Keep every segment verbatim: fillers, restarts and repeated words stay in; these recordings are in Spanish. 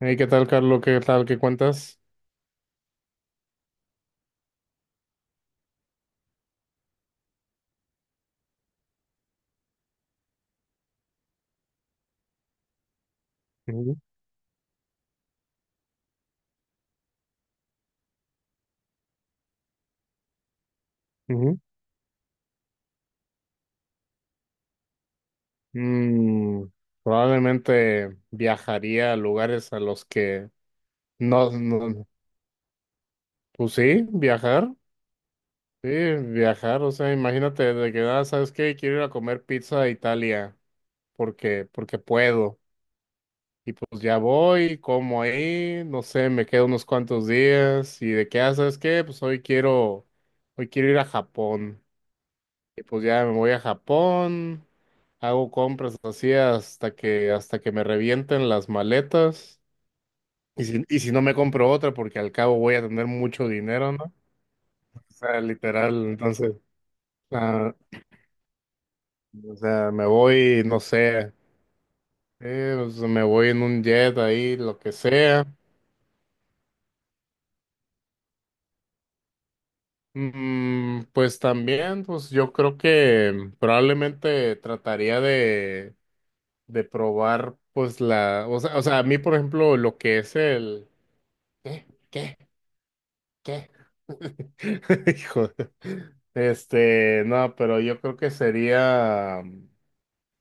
Hey, ¿qué tal, Carlos? ¿Qué tal? ¿Qué cuentas? Ujú, ujú. Mm, Probablemente viajaría a lugares a los que no, no- pues sí, viajar, sí, viajar, o sea, imagínate de que, ah, ¿sabes qué? Quiero ir a comer pizza a Italia porque, porque puedo. Y pues ya voy, como ahí, no sé, me quedo unos cuantos días y de qué, ah, ¿sabes qué? Pues hoy quiero, hoy quiero ir a Japón. Y pues ya me voy a Japón, hago compras así hasta que, hasta que me revienten las maletas. Y si, y si no me compro otra, porque al cabo voy a tener mucho dinero, ¿no? O sea, literal, entonces, ah, o sea, me voy, no sé, eh, pues, me voy en un jet ahí, lo que sea. Mm, pues también, pues yo creo que probablemente trataría de, de probar, pues la, o sea, o sea, a mí, por ejemplo, lo que es el... ¿Qué? ¿Qué? ¿Qué? Hijo. Este, no, pero yo creo que sería, mm,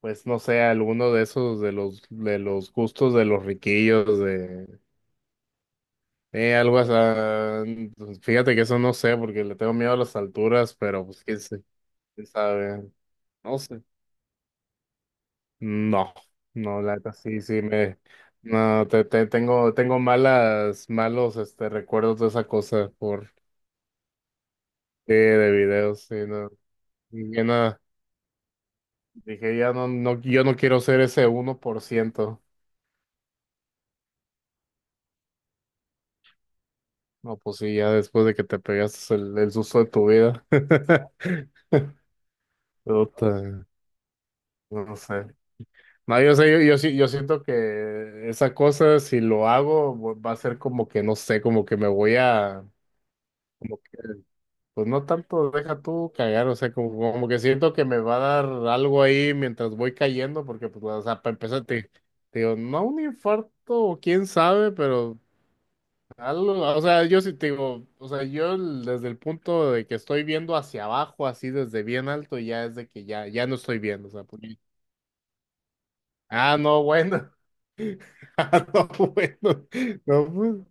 pues no sé, alguno de esos de los de los gustos de los riquillos de eh, algo así. Ah, pues, fíjate que eso no sé porque le tengo miedo a las alturas, pero pues quién sé, quién sabe. No sé. No, no, la neta sí, sí me no te, te- tengo tengo malas malos este recuerdos de esa cosa por eh, de videos, sí, no. Y nada, dije, ya no, no, yo no quiero ser ese uno por ciento. No, pues sí, ya después de que te pegaste el, el susto de tu vida. Puta, no sé. No, yo sé, yo, yo, sí- yo siento que esa cosa, si lo hago, vo- va a ser como que, no sé, como que me voy a, como que, pues no tanto, deja tú cagar, o sea, como, como que siento que me va a dar algo ahí mientras voy cayendo, porque, pues, o sea, para empezar, te, te digo, no un infarto, o quién sabe, pero Algo- o sea, yo sí te digo, o sea, yo el- desde el punto de que estoy viendo hacia abajo, así desde bien alto, ya es de que ya, ya no estoy viendo, o sea, porque- ah, no, bueno, ah, no, bueno, no, pues,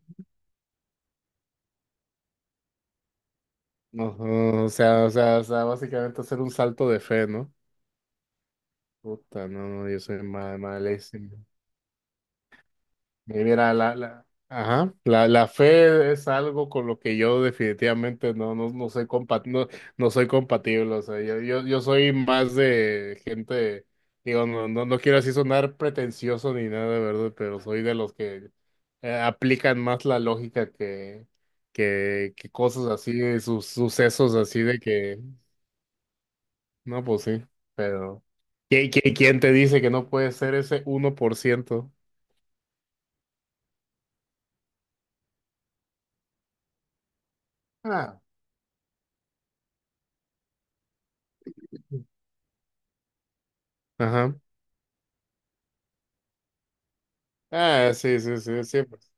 no, no, o sea, o sea, o sea, básicamente hacer un salto de fe, ¿no? Puta, no, no, yo soy ma- malísimo. Mira, la, la, ajá, la, la fe es algo con lo que yo definitivamente no, no, no soy compa- no, no soy compatible. O sea, yo, yo, yo soy más de gente, digo, no, no, no quiero así sonar pretencioso ni nada, ¿verdad? Pero soy de los que eh, aplican más la lógica que, que, que cosas así, sus sucesos así de que, no, pues sí, pero ¿quién, quién, quién te dice que no puede ser ese uno por ciento? Ah. Ajá. Ah, sí, sí, sí, sí, pues,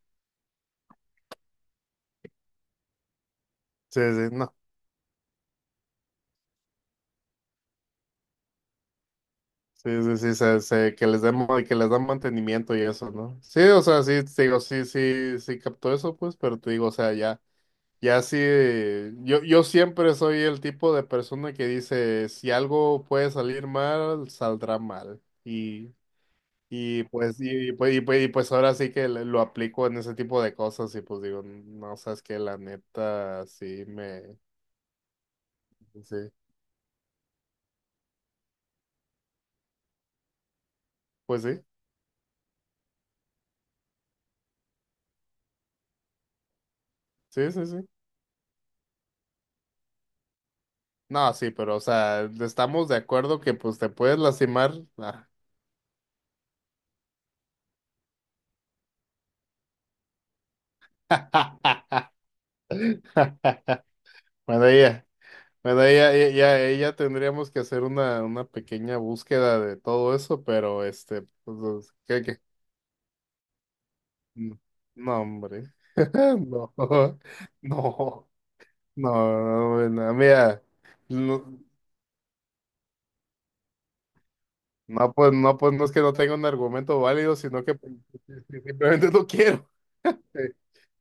sí, sí, no, sí, sí, sí, se, se- que les den, mo- que les dan mantenimiento y eso, ¿no? Sí, o sea, sí, te digo, sí, sí, sí captó eso, pues, pero te digo, o sea, ya, ya sí, eh, yo, yo siempre soy el tipo de persona que dice, si algo puede salir mal, saldrá mal, y, y pues, y, pues, y, pues, y pues ahora sí que le- lo aplico en ese tipo de cosas, y pues digo, no, sabes que la neta, sí, me, sí, pues sí. Sí, sí, sí. No, sí, pero o sea, estamos de acuerdo que pues te puedes lastimar. Ah. Bueno, ya, bueno, ella, ya, ya, ya- ya tendríamos que hacer una, una pequeña búsqueda de todo eso, pero este, pues, los- ¿qué, qué? No, no, hombre. No, no, no, bueno, mira, no, no, pues, no, pues no es que no tenga un argumento válido, sino que pues, simplemente no quiero. Sí,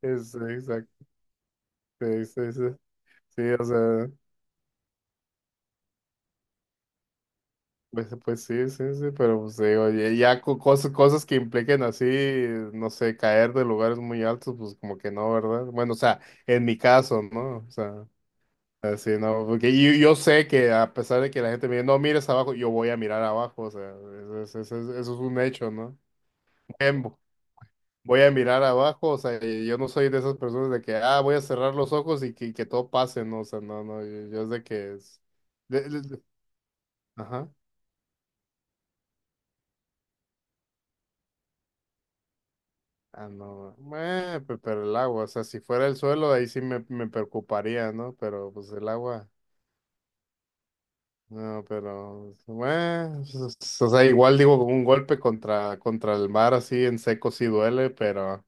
es- exacto. Sí, sí, sí. Sí, o sea, pues, pues sí, sí, sí, pero pues digo, ya, ya co- cosas, cosas que impliquen así, no sé, caer de lugares muy altos, pues como que no, ¿verdad? Bueno, o sea, en mi caso, ¿no? O sea, así, ¿no? Porque yo, yo sé que a pesar de que la gente me dice, no mires abajo, yo voy a mirar abajo, o sea, eso es, eso es, eso es un hecho, ¿no? Em, voy a mirar abajo, o sea, y yo no soy de esas personas de que, ah, voy a cerrar los ojos y que, que todo pase, ¿no? O sea, no, no, yo, yo es de que es... de- de- de- ajá. Ah, no, eh, pe- pero el agua, o sea, si fuera el suelo, ahí sí me, me preocuparía, ¿no? Pero pues el agua, no, pero, bueno, pues, o sea, igual digo, un golpe contra, contra el mar así en seco sí duele, pero,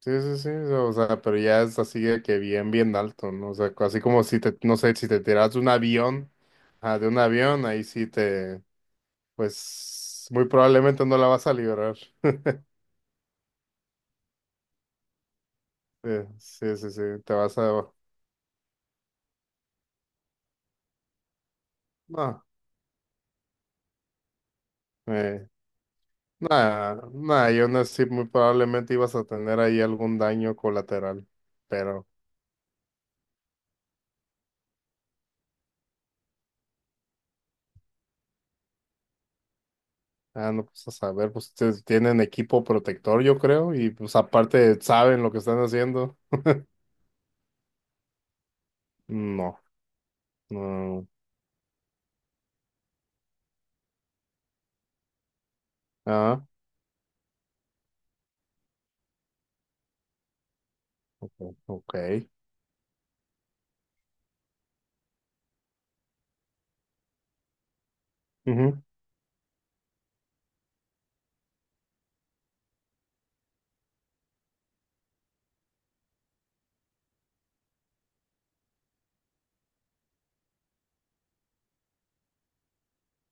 sí, sí, sí, o sea, pero ya es así de que bien, bien alto, ¿no? O sea, así como si te, no sé, si te tiras de un avión, ah, de un avión, ahí sí te, pues, muy probablemente no la vas a liberar. Sí, sí, sí, sí, te vas a... No. eh, Nada, nada, yo nací muy probablemente ibas a tener ahí algún daño colateral, pero ah, no pues a saber, pues ustedes tienen equipo protector, yo creo, y pues aparte saben lo que están haciendo. No, no, ah, o- ok, ujú,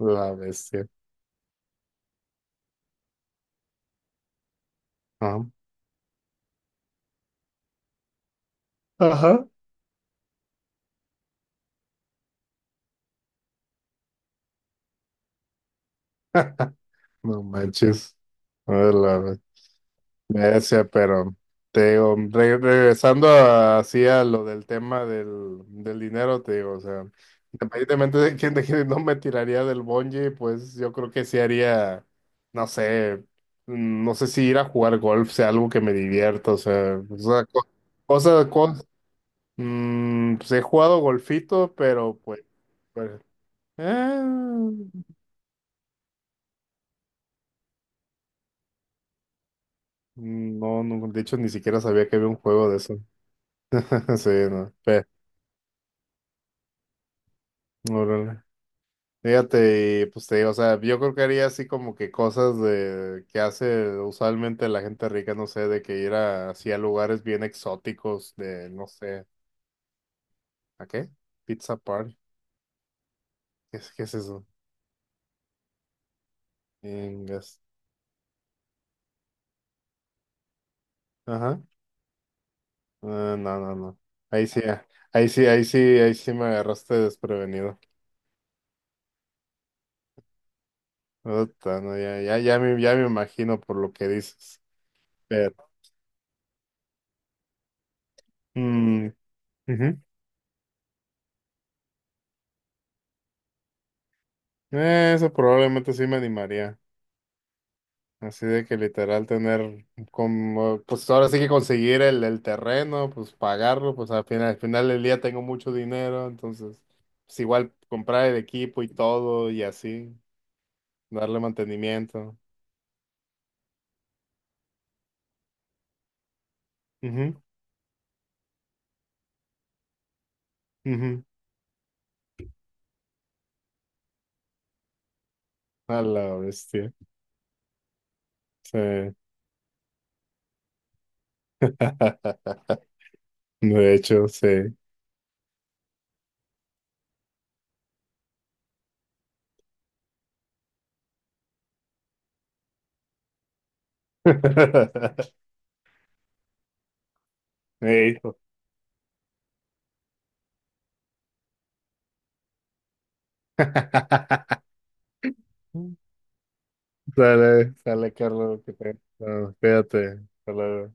la bestia, ajá. Ajá. No manches. A ver, la bestia. Ese, pero te digo, re- regresando a- así a lo del tema del, del dinero, te digo, o sea, independientemente de quién, de quién no me tiraría del bungee, pues yo creo que sí haría, no sé, mm, no sé si ir a jugar golf sea algo que me divierta, o sea, o sea, co- cosa, cos- mm, pues he jugado golfito, pero pues, pues, eh, no, no, de hecho ni siquiera sabía que había un juego de eso, sí, no, Pe- órale. Fíjate, y, pues te digo, o sea, yo creo que haría así como que cosas de que hace usualmente la gente rica, no sé, de que ir a, así a lugares bien exóticos de, no sé, ¿a qué? Pizza party. ¿Qué es, qué es eso? Ingas. Ajá. Ah, no, no, no. Ahí sí, ah, ahí sí, ahí sí, ahí sí me agarraste desprevenido. Puta, no, ya, ya, ya me, ya me imagino por lo que dices. Pero, mm, ujú. Eh, Eso probablemente sí me animaría. Así de que literal tener como, pues ahora sí que conseguir el, el terreno, pues pagarlo, pues al final, al final del día tengo mucho dinero, entonces, pues igual comprar el equipo y todo y así, darle mantenimiento. Ujú, ujú. A la bestia. Sí. De hecho, sí. Hijo. Sale, sale, Carlos, que te... no, cuídate. Hasta luego.